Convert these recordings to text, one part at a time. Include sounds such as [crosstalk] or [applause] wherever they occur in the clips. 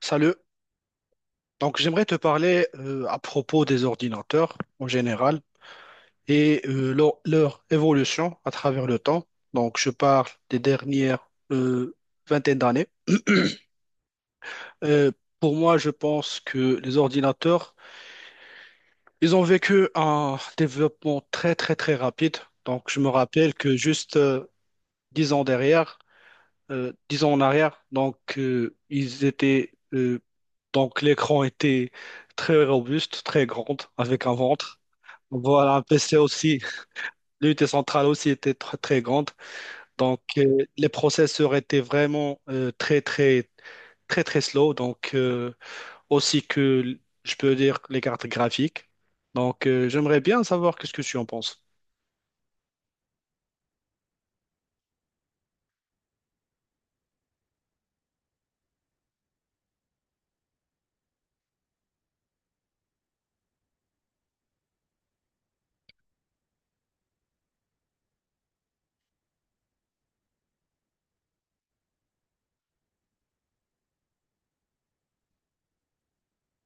Salut. J'aimerais te parler à propos des ordinateurs en général et leur évolution à travers le temps. Donc, je parle des dernières vingtaines d'années. Euh, pour moi, je pense que les ordinateurs, ils ont vécu un développement très, très, très rapide. Donc, je me rappelle que juste 10 ans 10 ans en arrière, l'écran était très robuste, très grand, avec un ventre. Voilà, un PC aussi, [laughs] l'unité centrale aussi était très grande. Donc, les processeurs étaient vraiment très, très, très, très slow. Donc, aussi que, je peux dire, les cartes graphiques. Donc, j'aimerais bien savoir qu'est-ce que tu en penses.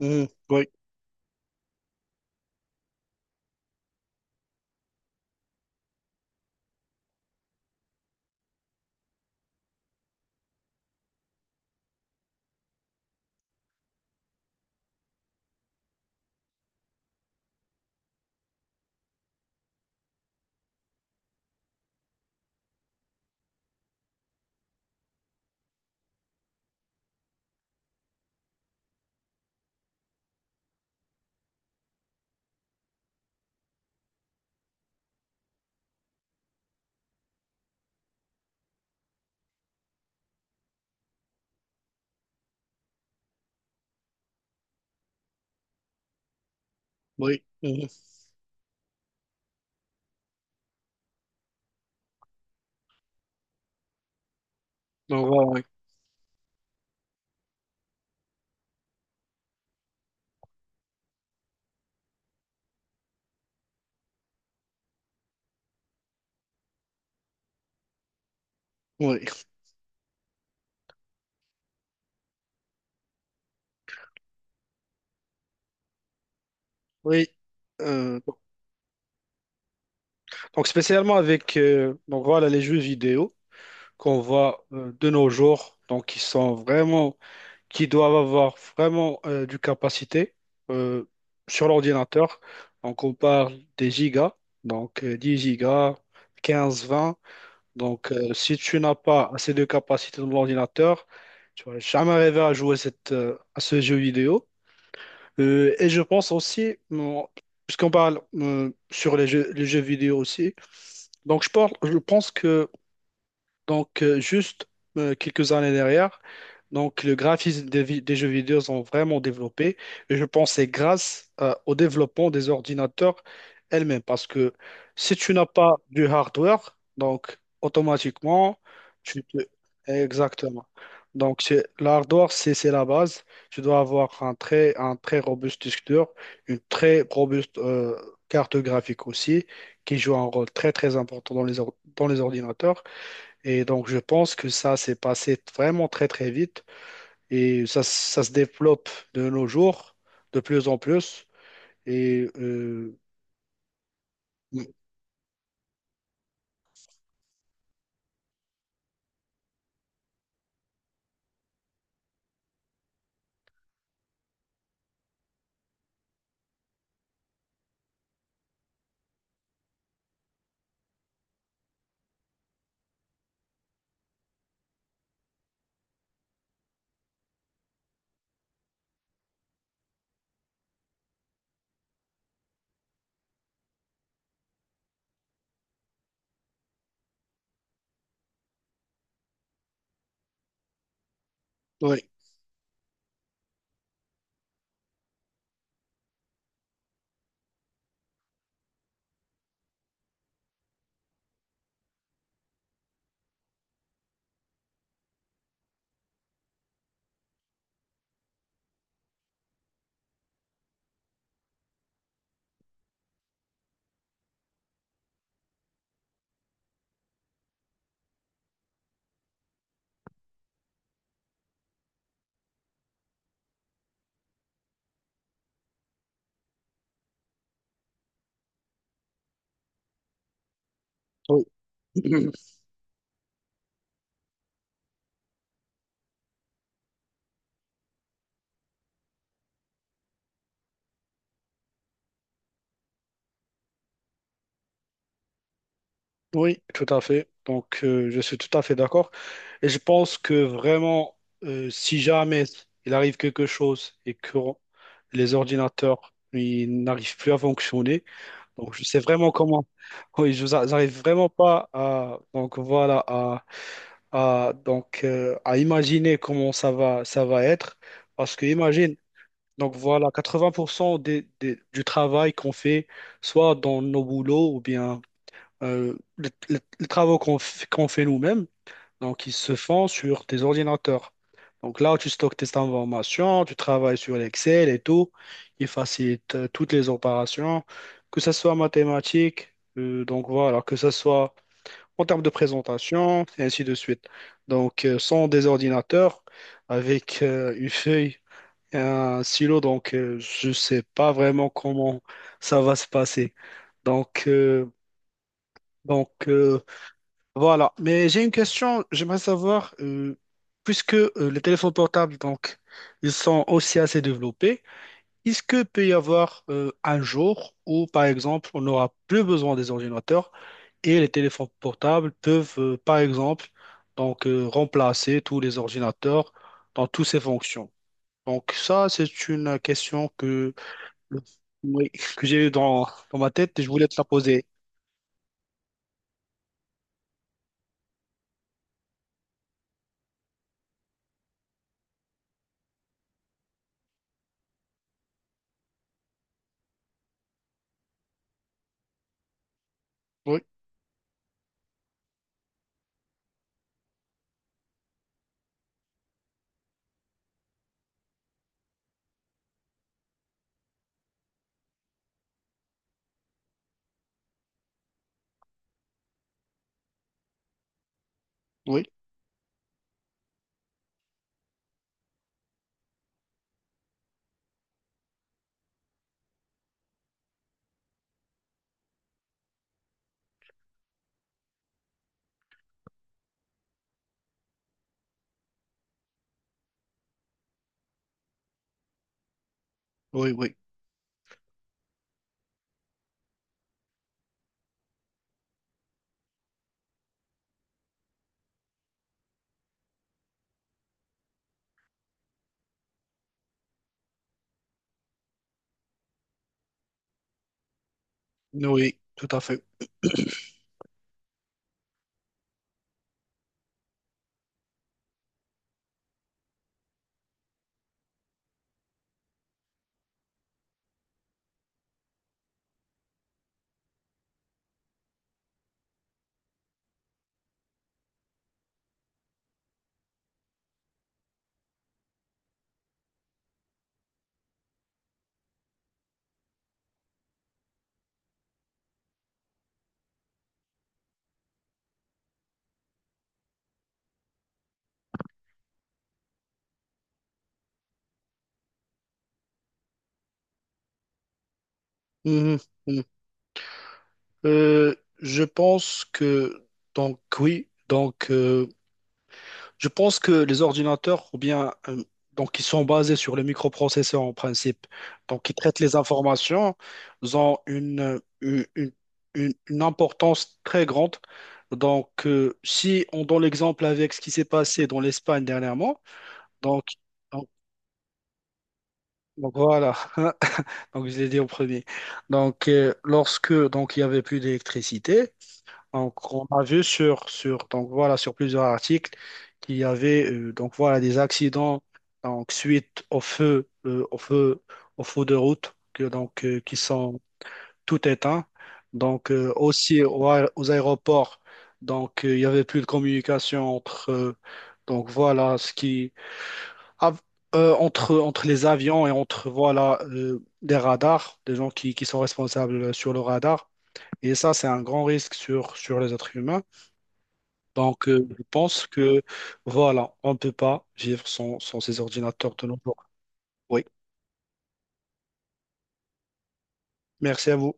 Mhm, oui, oui, mhm. Donc, voilà, oui. Oui, oui. Euh, Spécialement avec donc, voilà, les jeux vidéo qu'on voit de nos jours. Donc, ils sont vraiment qui doivent avoir vraiment du capacité euh, sur l'ordinateur. Donc, on parle des gigas, donc 10 gigas, 15, 20. Donc, si tu n'as pas assez de capacité dans l'ordinateur, tu vas jamais arriver à jouer cette, à ce jeu vidéo. Et je pense aussi, bon, puisqu'on parle sur les jeux vidéo aussi, donc je parle, je pense que donc, juste quelques années derrière, donc le graphisme des, des jeux vidéo ont vraiment développé. Et je pense que c'est grâce au développement des ordinateurs elles-mêmes. Parce que si tu n'as pas du hardware, donc automatiquement, tu te... Exactement. Donc, c'est- l'hardware, c'est la base. Tu dois avoir un très robuste disque dur, une très robuste carte graphique aussi, qui joue un rôle très, très important dans les, dans les ordinateurs. Et donc, je pense que ça s'est passé vraiment très, très vite et ça se développe de nos jours de plus en plus. Et oui, oui, [clears throat] oui, tout à fait. Donc, je suis tout à fait d'accord. Et je pense que vraiment, si jamais il arrive quelque chose et que les ordinateurs ils n'arrivent plus à fonctionner, donc je sais vraiment comment. [laughs] Oui, je n'arrive vraiment pas à. Donc, voilà, à, à imaginer comment ça va être. Parce que imagine, donc voilà, 80% des, du travail qu'on fait, soit dans nos boulots ou bien les, les travaux qu'on qu'on fait nous-mêmes, donc ils se font sur des ordinateurs. Donc là, tu stockes tes informations, tu travailles sur l'Excel et tout. Il facilite toutes les opérations, que ce soit mathématiques, donc voilà, que ce soit en termes de présentation, et ainsi de suite. Donc, sans des ordinateurs, avec une feuille et un stylo, donc je ne sais pas vraiment comment ça va se passer. Donc, euh, donc euh, voilà. Mais j'ai une question, j'aimerais savoir, puisque les téléphones portables, donc, ils sont aussi assez développés, est-ce que peut y avoir un jour où, par exemple, on n'aura plus besoin des ordinateurs? Et les téléphones portables peuvent, par exemple, remplacer tous les ordinateurs dans toutes ces fonctions. Donc ça, c'est une question que, oui, que j'ai eu dans, dans ma tête et je voulais te la poser. Oui, oui, oui, oui, oui, tout à fait. Mhm, mhm. Je pense que, donc oui, je pense que les ordinateurs, ou bien, donc, ils sont basés sur les microprocesseurs en principe. Donc, ils traitent les informations, ils ont une importance très grande. Donc, si on donne l'exemple avec ce qui s'est passé dans l'Espagne dernièrement, donc, donc, donc voilà, [laughs] donc je l'ai dit au premier. Donc, lorsque donc il y avait plus d'électricité, donc, on a vu sur, sur, donc voilà, sur plusieurs articles qu'il y avait donc voilà, des accidents donc, suite au feu, au feu de route que, qui sont tout éteints. Donc, aussi au aux aéroports, donc, il y avait plus de communication entre, donc, voilà, ce qui, av- entre, entre les avions et entre voilà, des radars, des gens qui sont responsables sur le radar. Et ça, c'est un grand risque sur, sur les êtres humains. Donc, je pense que voilà, on ne peut pas vivre sans, sans ces ordinateurs de nos jours. Oui, merci à vous.